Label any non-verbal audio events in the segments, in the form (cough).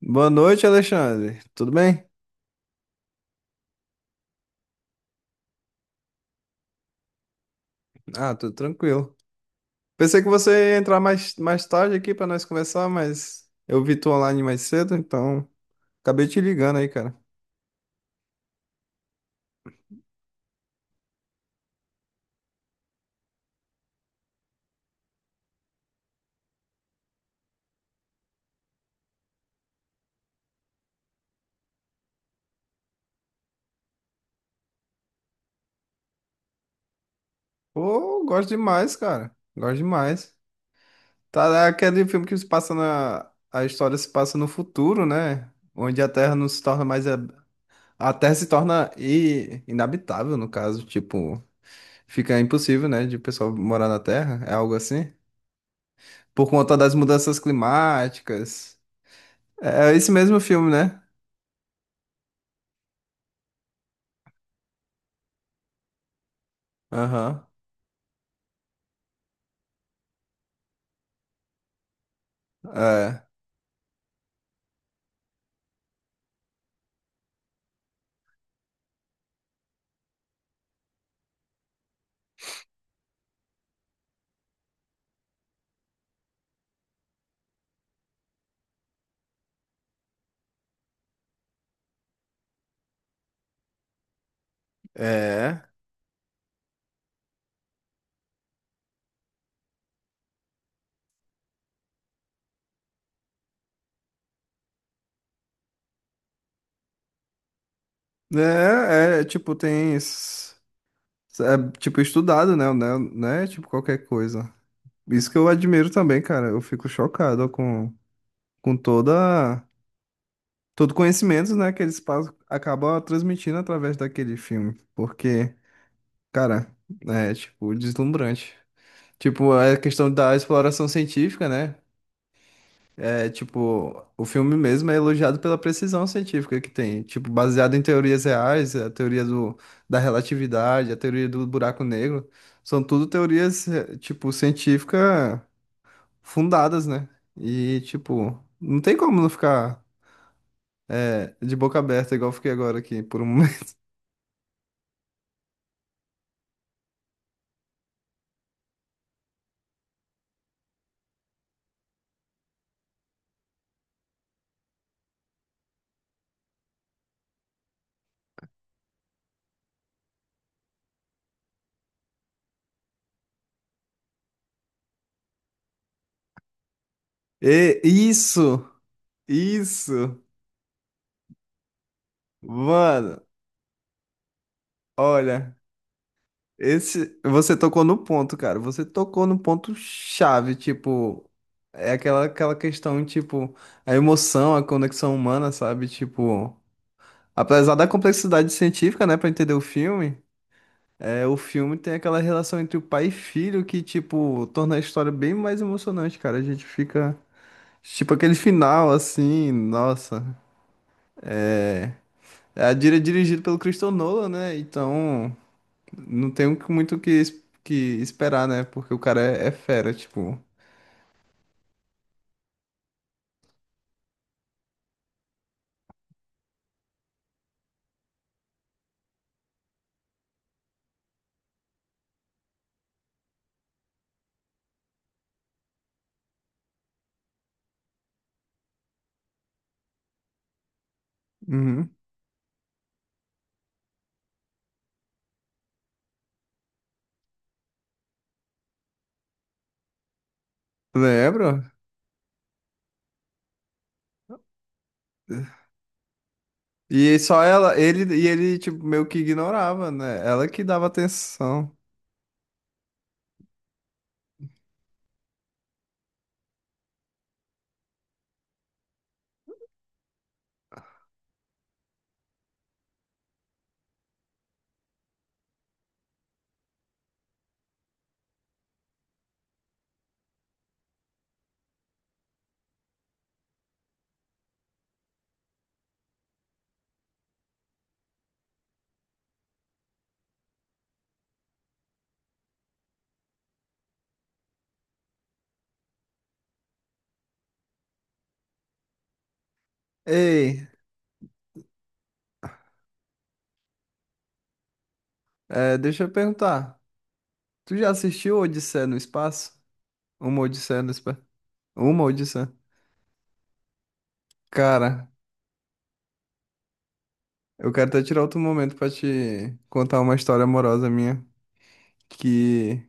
Boa noite, Alexandre. Tudo bem? Ah, tudo tranquilo. Pensei que você ia entrar mais tarde aqui para nós conversar, mas eu vi tu online mais cedo, então acabei te ligando aí, cara. Pô, gosto demais, cara. Gosto demais. Tá, é aquele filme que se passa na. A história se passa no futuro, né? Onde a Terra não se torna mais. A Terra se torna inabitável, no caso. Tipo, fica impossível, né, de o pessoal morar na Terra. É algo assim. Por conta das mudanças climáticas. É esse mesmo filme, né? Aham. É. É. É, é, tipo, tem. s- É, tipo, estudado, né? Não é, tipo, qualquer coisa. Isso que eu admiro também, cara. Eu fico chocado. Com toda. Todo conhecimento, né? Que eles passam, acabam transmitindo através daquele filme. Porque, cara, é, tipo, deslumbrante. Tipo, a questão da exploração científica, né? É tipo, o filme mesmo é elogiado pela precisão científica que tem, tipo, baseado em teorias reais, a teoria da relatividade, a teoria do buraco negro, são tudo teorias, tipo, científicas fundadas, né? E, tipo, não tem como não ficar de boca aberta, igual eu fiquei agora aqui por um momento. (laughs) E isso, isso, mano, olha. Esse, você tocou no ponto, cara. Você tocou no ponto chave, tipo, é aquela questão, tipo, a emoção, a conexão humana, sabe? Tipo, apesar da complexidade científica, né, pra entender o filme, o filme tem aquela relação entre o pai e filho que, tipo, torna a história bem mais emocionante, cara. A gente fica, tipo, aquele final assim, nossa. É a dirigido pelo Christopher Nolan, né? Então, não tem muito o que esperar, né? Porque o cara é fera, tipo. Uhum. Lembro. E só ela, ele tipo meio que ignorava, né? Ela que dava atenção. Ei, deixa eu perguntar. Tu já assistiu Odisseia no Espaço? Uma Odisseia no Espaço. Uma Odisseia. Cara, eu quero até tirar outro momento pra te contar uma história amorosa minha que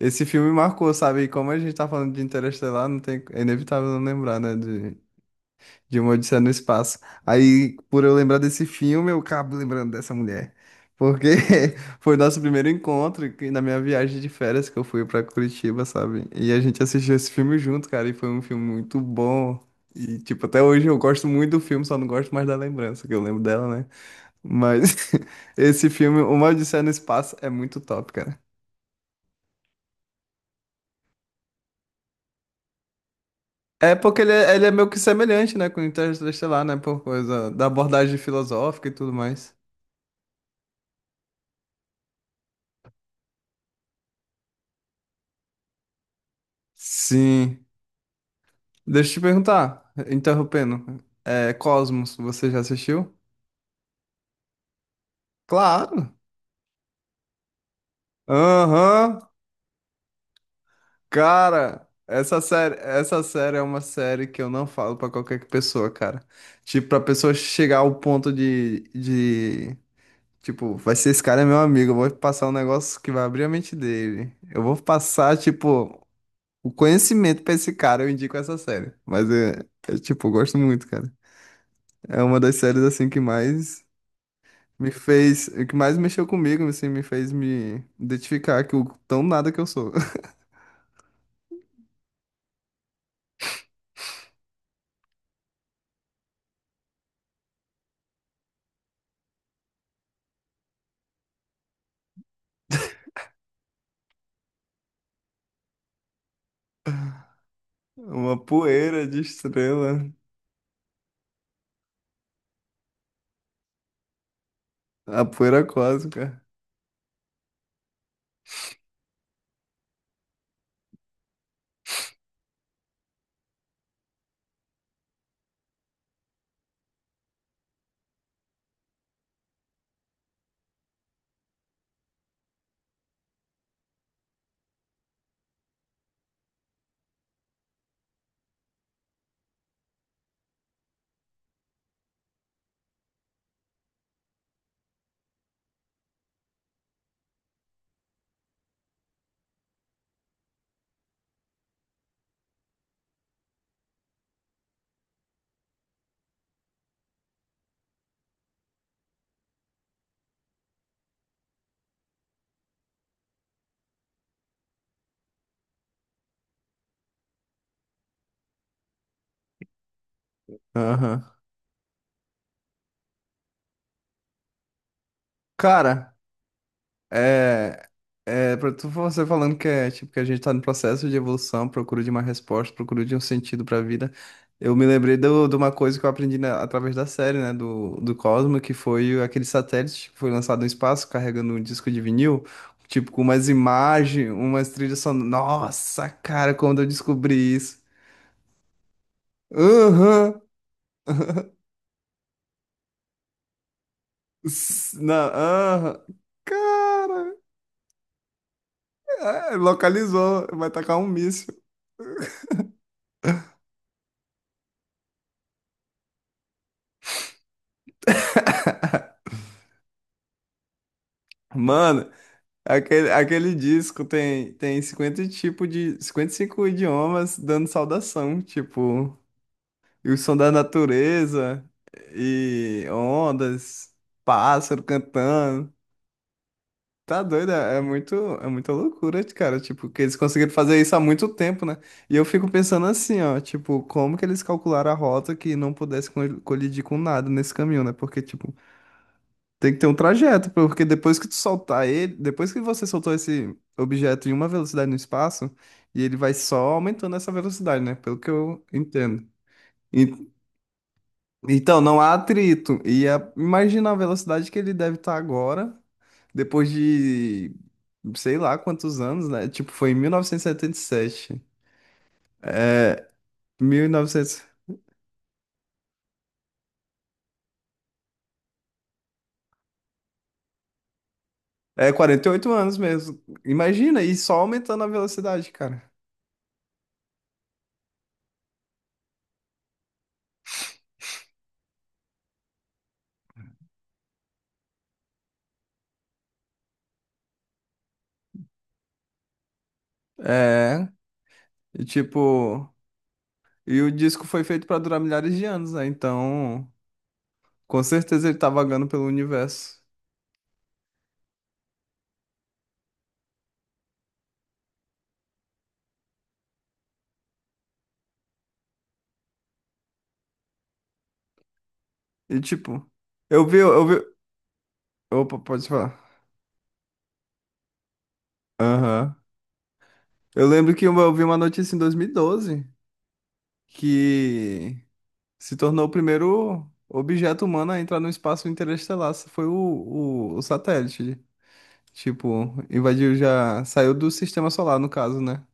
esse filme marcou, sabe? E como a gente tá falando de Interestelar, não tem é inevitável não lembrar, né, de uma Odisseia no Espaço. Aí, por eu lembrar desse filme, eu acabo lembrando dessa mulher. Porque (laughs) foi nosso primeiro encontro na minha viagem de férias que eu fui pra Curitiba, sabe? E a gente assistiu esse filme junto, cara, e foi um filme muito bom. E, tipo, até hoje eu gosto muito do filme, só não gosto mais da lembrança, que eu lembro dela, né? Mas (laughs) esse filme, Uma Odisseia no Espaço, é muito top, cara. É porque ele é meio que semelhante, né, com o Interestelar, né? Por coisa da abordagem filosófica e tudo mais. Sim. Deixa eu te perguntar, interrompendo. Cosmos, você já assistiu? Claro. Aham. Cara, essa série é uma série que eu não falo pra qualquer pessoa, cara. Tipo, pra pessoa chegar ao ponto de, tipo, vai ser esse cara é meu amigo, eu vou passar um negócio que vai abrir a mente dele. Eu vou passar, tipo, o conhecimento pra esse cara, eu indico essa série. Mas é tipo, eu gosto muito, cara. É uma das séries assim que mais me fez, o que mais mexeu comigo, assim, me fez me identificar que o tão nada que eu sou. (laughs) Uma poeira de estrela, a poeira cósmica. Aham. Cara, é. Você falando que é tipo que a gente tá no processo de evolução, procura de uma resposta, procura de um sentido pra vida. Eu me lembrei de uma coisa que eu aprendi através da série, né, do Cosmo, que foi aquele satélite que foi lançado no espaço carregando um disco de vinil, tipo com umas imagens, umas trilhas sonoras. Nossa, cara, quando eu descobri isso. Aham. Não, aham. Cara, localizou, vai tacar um míssil. Mano, aquele disco tem 50 tipo de 55 idiomas dando saudação, tipo, e o som da natureza e ondas, pássaro cantando. Tá doido, é muita loucura, cara, tipo, que eles conseguiram fazer isso há muito tempo, né? E eu fico pensando assim, ó, tipo, como que eles calcularam a rota que não pudesse colidir com nada nesse caminho, né? Porque, tipo, tem que ter um trajeto, porque depois que tu soltar ele, depois que você soltou esse objeto em uma velocidade no espaço, e ele vai só aumentando essa velocidade, né? Pelo que eu entendo. E- então, não há atrito. E imagina a velocidade que ele deve estar agora, depois de sei lá quantos anos, né? Tipo, foi em 1977. 1900. É, 48 anos mesmo. Imagina, e só aumentando a velocidade, cara. É, e tipo. E o disco foi feito pra durar milhares de anos, né? Então, com certeza ele tá vagando pelo universo. E tipo, eu vi. Opa, pode falar. Aham. Eu lembro que eu vi uma notícia em 2012 que se tornou o primeiro objeto humano a entrar no espaço interestelar. Foi o satélite. Tipo, invadiu já. Saiu do sistema solar, no caso, né?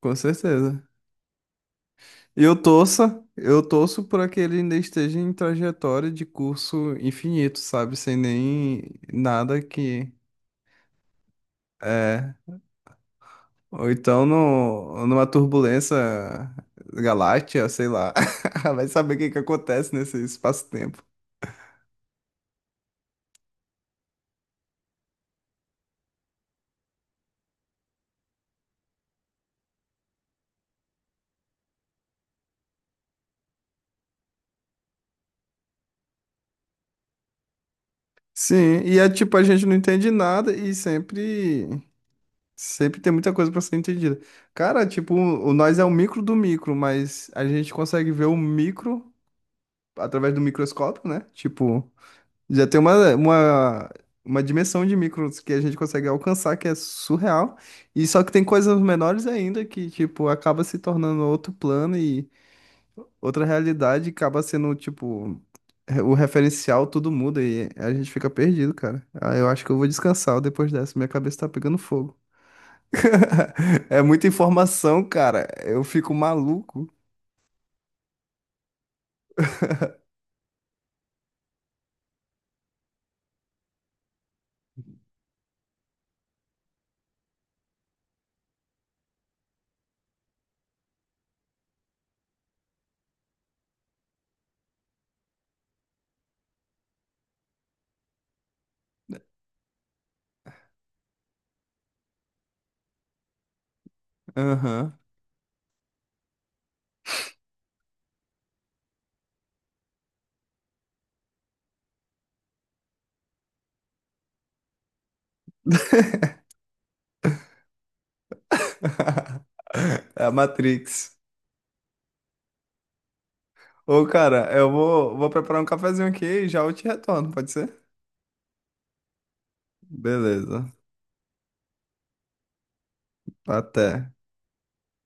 Com certeza. Eu torço para que ele ainda esteja em trajetória de curso infinito, sabe? Sem nem nada que é. Ou então no, numa turbulência galáctea, sei lá. (laughs) Vai saber o que que acontece nesse espaço-tempo. Sim, e é tipo, a gente não entende nada e sempre tem muita coisa para ser entendida. Cara, tipo, o nós é o micro do micro, mas a gente consegue ver o micro através do microscópio, né? Tipo. Já tem uma dimensão de micros que a gente consegue alcançar que é surreal. E só que tem coisas menores ainda que, tipo, acaba se tornando outro plano e outra realidade, e acaba sendo, tipo, o referencial, tudo muda e a gente fica perdido, cara. Ah, eu acho que eu vou descansar depois dessa, minha cabeça tá pegando fogo. (laughs) É muita informação, cara. Eu fico maluco. Aham. (laughs) É a Matrix. Ô, cara, eu vou preparar um cafezinho aqui e já eu te retorno, pode ser? Beleza. Até.